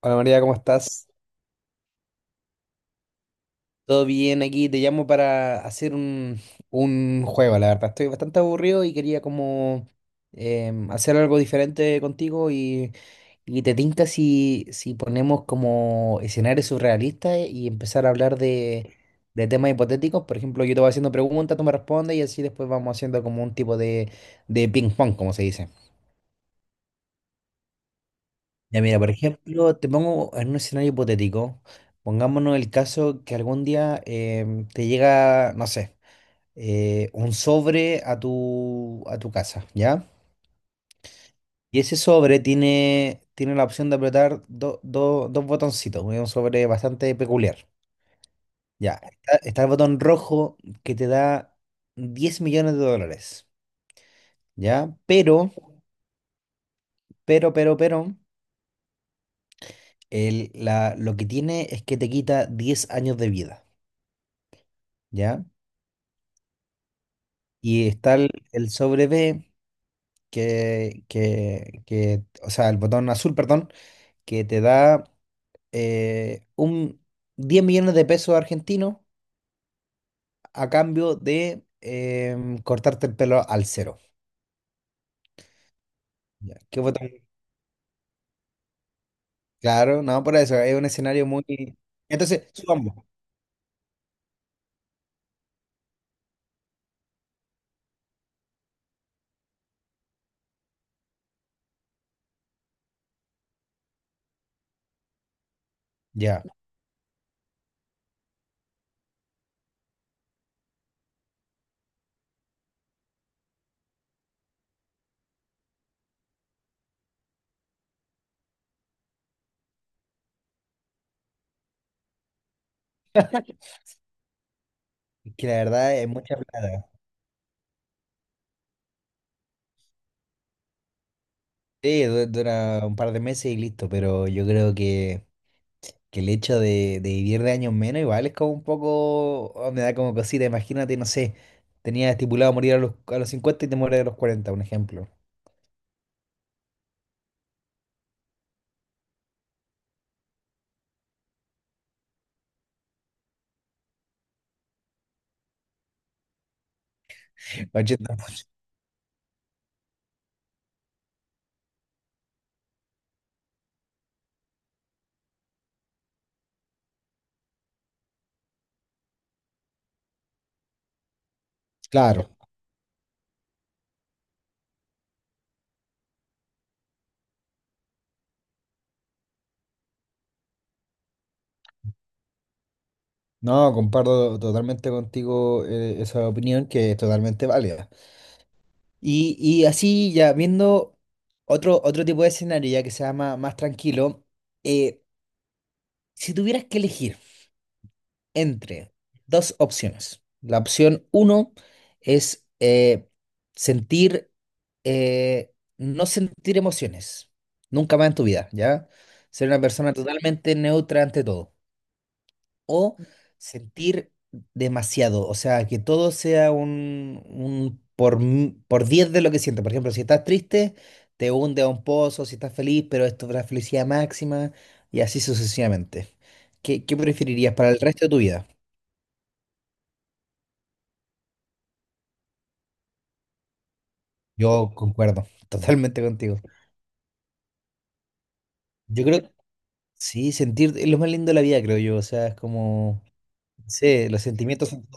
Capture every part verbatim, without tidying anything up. Hola María, ¿cómo estás? ¿Todo bien aquí? Te llamo para hacer un, un juego, la verdad. Estoy bastante aburrido y quería como em, hacer algo diferente contigo y, y te tinca si, si ponemos como escenarios surrealistas y empezar a hablar de, de temas hipotéticos. Por ejemplo, yo te voy haciendo preguntas, tú me respondes y así después vamos haciendo como un tipo de, de ping pong, como se dice. Ya mira, por ejemplo, te pongo en un escenario hipotético. Pongámonos el caso que algún día em, te llega, no sé, eh, un sobre a tu, a tu casa, ¿ya? Y ese sobre tiene, tiene la opción de apretar do- do- dos botoncitos, es un sobre bastante peculiar. Ya, está, está el botón rojo que te da diez millones de dólares, ¿ya? Pero, pero, pero, pero, el, la, lo que tiene es que te quita diez años de vida, ¿ya? Y está el, el sobre B que, que, que, o sea, el botón azul, perdón, que te da eh, un diez millones de pesos argentinos a cambio de em, cortarte el pelo al cero. Ya, ¿qué botón? Claro, no, por eso, es un escenario muy... Entonces, subamos. Ya. Es Que la verdad es mucha plata. Sí, du- dura un par de meses y listo, pero yo creo que que el hecho de, de vivir de años menos igual es como un poco, oh, me da como cosita, imagínate, no sé, tenía estipulado morir a los, a los cincuenta y te mueres a los cuarenta un ejemplo. ochenta. Claro, no, comparto totalmente contigo eh, esa opinión que es totalmente válida. Y, y así ya viendo otro, otro tipo de escenario ya que sea más, más tranquilo, eh, si tuvieras que elegir entre dos opciones. La opción uno es eh, sentir eh, no sentir emociones, nunca más en tu vida, ¿ya? Ser una persona totalmente neutra ante todo. O sentir demasiado, o sea, que todo sea un, un por, m- por diez de lo que sientes. Por ejemplo, si estás triste, te hunde a un pozo, si estás feliz, pero esto es la felicidad máxima y así sucesivamente. ¿Qué, qué preferirías para el resto de tu vida? Yo concuerdo totalmente contigo. Yo creo, sí, sentir es lo más lindo de la vida, creo yo, o sea, es como... Sí, los sentimientos son...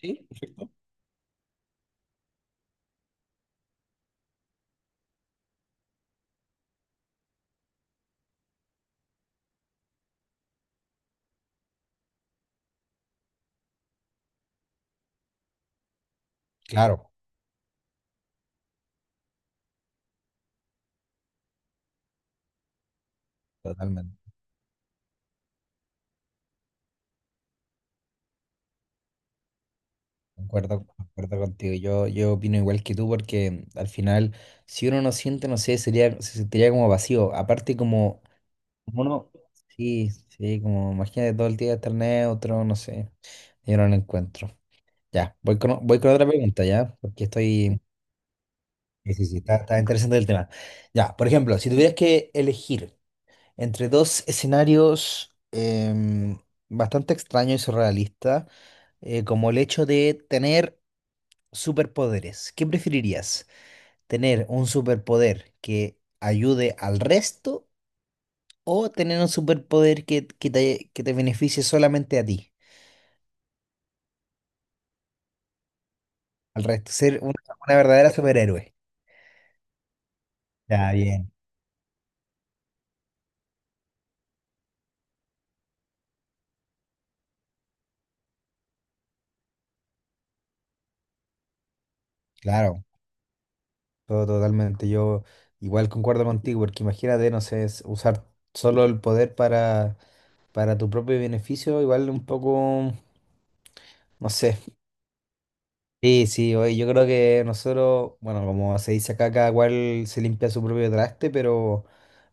¿Sí? Claro, totalmente. Concuerdo, concuerdo contigo. Yo, yo opino igual que tú porque al final, si uno no siente, no sé, sería, se sentiría como vacío. Aparte como, como uno, sí, sí, como imagínate todo el día estar neutro, no sé. Yo no lo encuentro. Ya, voy con, voy con otra pregunta, ¿ya? Porque estoy... Sí, sí, sí, está, está interesante el tema. Ya, por ejemplo, si tuvieras que elegir entre dos escenarios em, bastante extraños y surrealistas, eh, como el hecho de tener superpoderes. ¿Qué preferirías? ¿Tener un superpoder que ayude al resto o tener un superpoder que, que te, que te beneficie solamente a ti, al resto? Ser una, una verdadera superhéroe. Ya, bien, claro, todo totalmente. Yo igual concuerdo contigo, porque imagínate, no sé, es usar solo el poder para, para tu propio beneficio, igual un poco, no sé. Sí, sí, oye, yo creo que nosotros, bueno, como se dice acá, cada cual se limpia su propio traste, pero,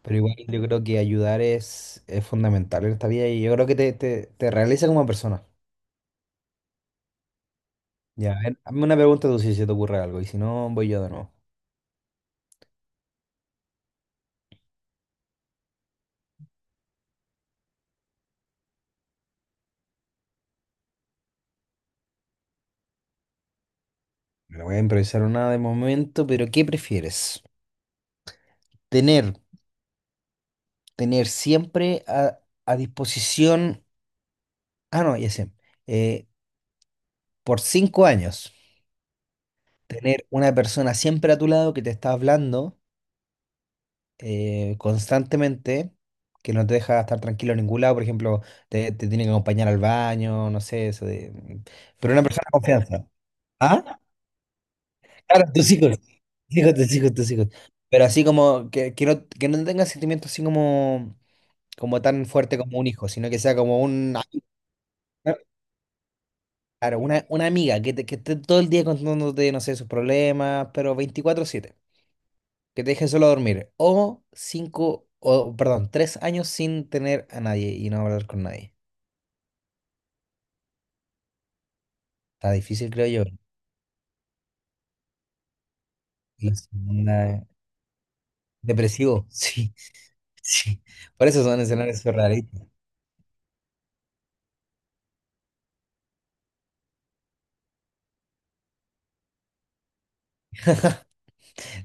pero igual yo creo que ayudar es, es fundamental en esta vida y yo creo que te, te, te realiza como persona. Ya, a ver, hazme una pregunta tú si se te ocurre algo y si no, voy yo de nuevo. Me la voy a improvisar una de momento, pero ¿qué prefieres? Tener, Tener siempre a, a disposición, ah, no, ya sé, eh, por cinco años, tener una persona siempre a tu lado que te está hablando eh, constantemente que no te deja estar tranquilo en ningún lado, por ejemplo, te, te tiene que acompañar al baño, no sé, eso de... mm, Pero una persona de confianza. ¿Ah? Claro, tus hijos. Tus hijos, tus hijos, tus hijos. Pero así como que, que no, que no tenga sentimientos así como, como tan fuerte como un hijo, sino que sea como un... Claro, una, una amiga que, te- que esté todo el día contándote, no sé, sus problemas, pero veinticuatro siete que te dejen solo a dormir. O cinco, o perdón, tres años sin tener a nadie y no hablar con nadie. Está difícil, creo yo. La segunda, depresivo, sí, sí. Por eso son escenarios surrealistas.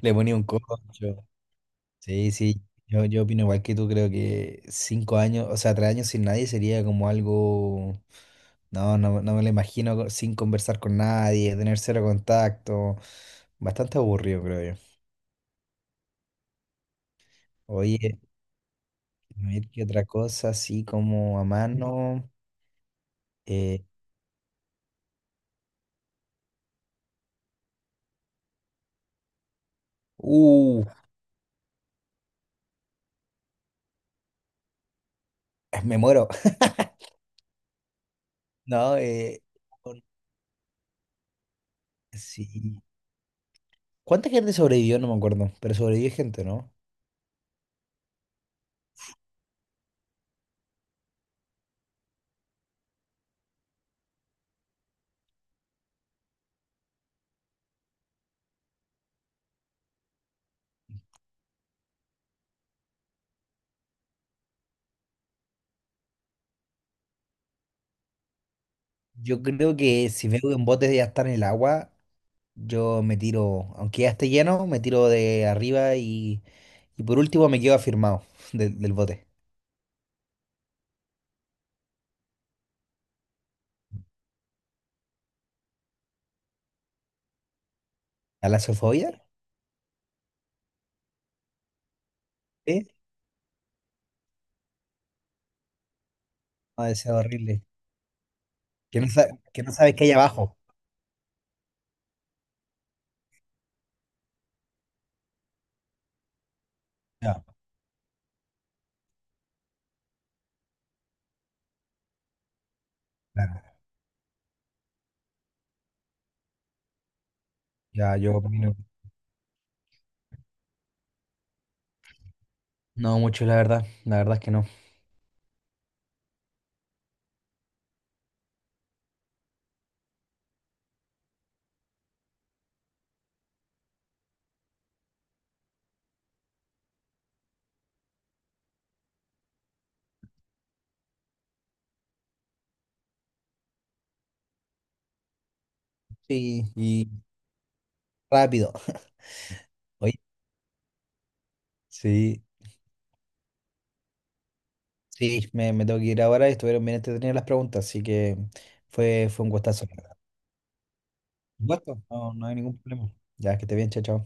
Le ponía un corcho. Sí, sí. Yo, yo opino igual que tú, creo que cinco años, o sea, tres años sin nadie sería como algo. No, no, no me lo imagino co- sin conversar con nadie, tener cero contacto. Bastante aburrido, creo yo. Oye. A ver, ¿qué otra cosa así como a mano? Eh, uh, Me muero. No, eh, con- sí. ¿Cuánta gente sobrevivió? No me acuerdo, pero sobrevivió gente, ¿no? Yo creo que si veo que un bote ya está en el agua, yo me tiro, aunque ya esté lleno, me tiro de arriba y, y por último me quedo afirmado de- del bote. ¿Talasofobia? Sí. No, es horrible. Que no, sa- que no sabes qué hay abajo. Ya, claro. Ya, yo opino. No mucho, la verdad. La verdad es que no. Sí, y rápido. Oye, sí, sí, me, me tengo que ir ahora y estuvieron bien entretenidas las preguntas, así que fue, fue un gustazo. La verdad. Un gusto, no, no hay ningún problema. Ya, que esté bien, chao, chao.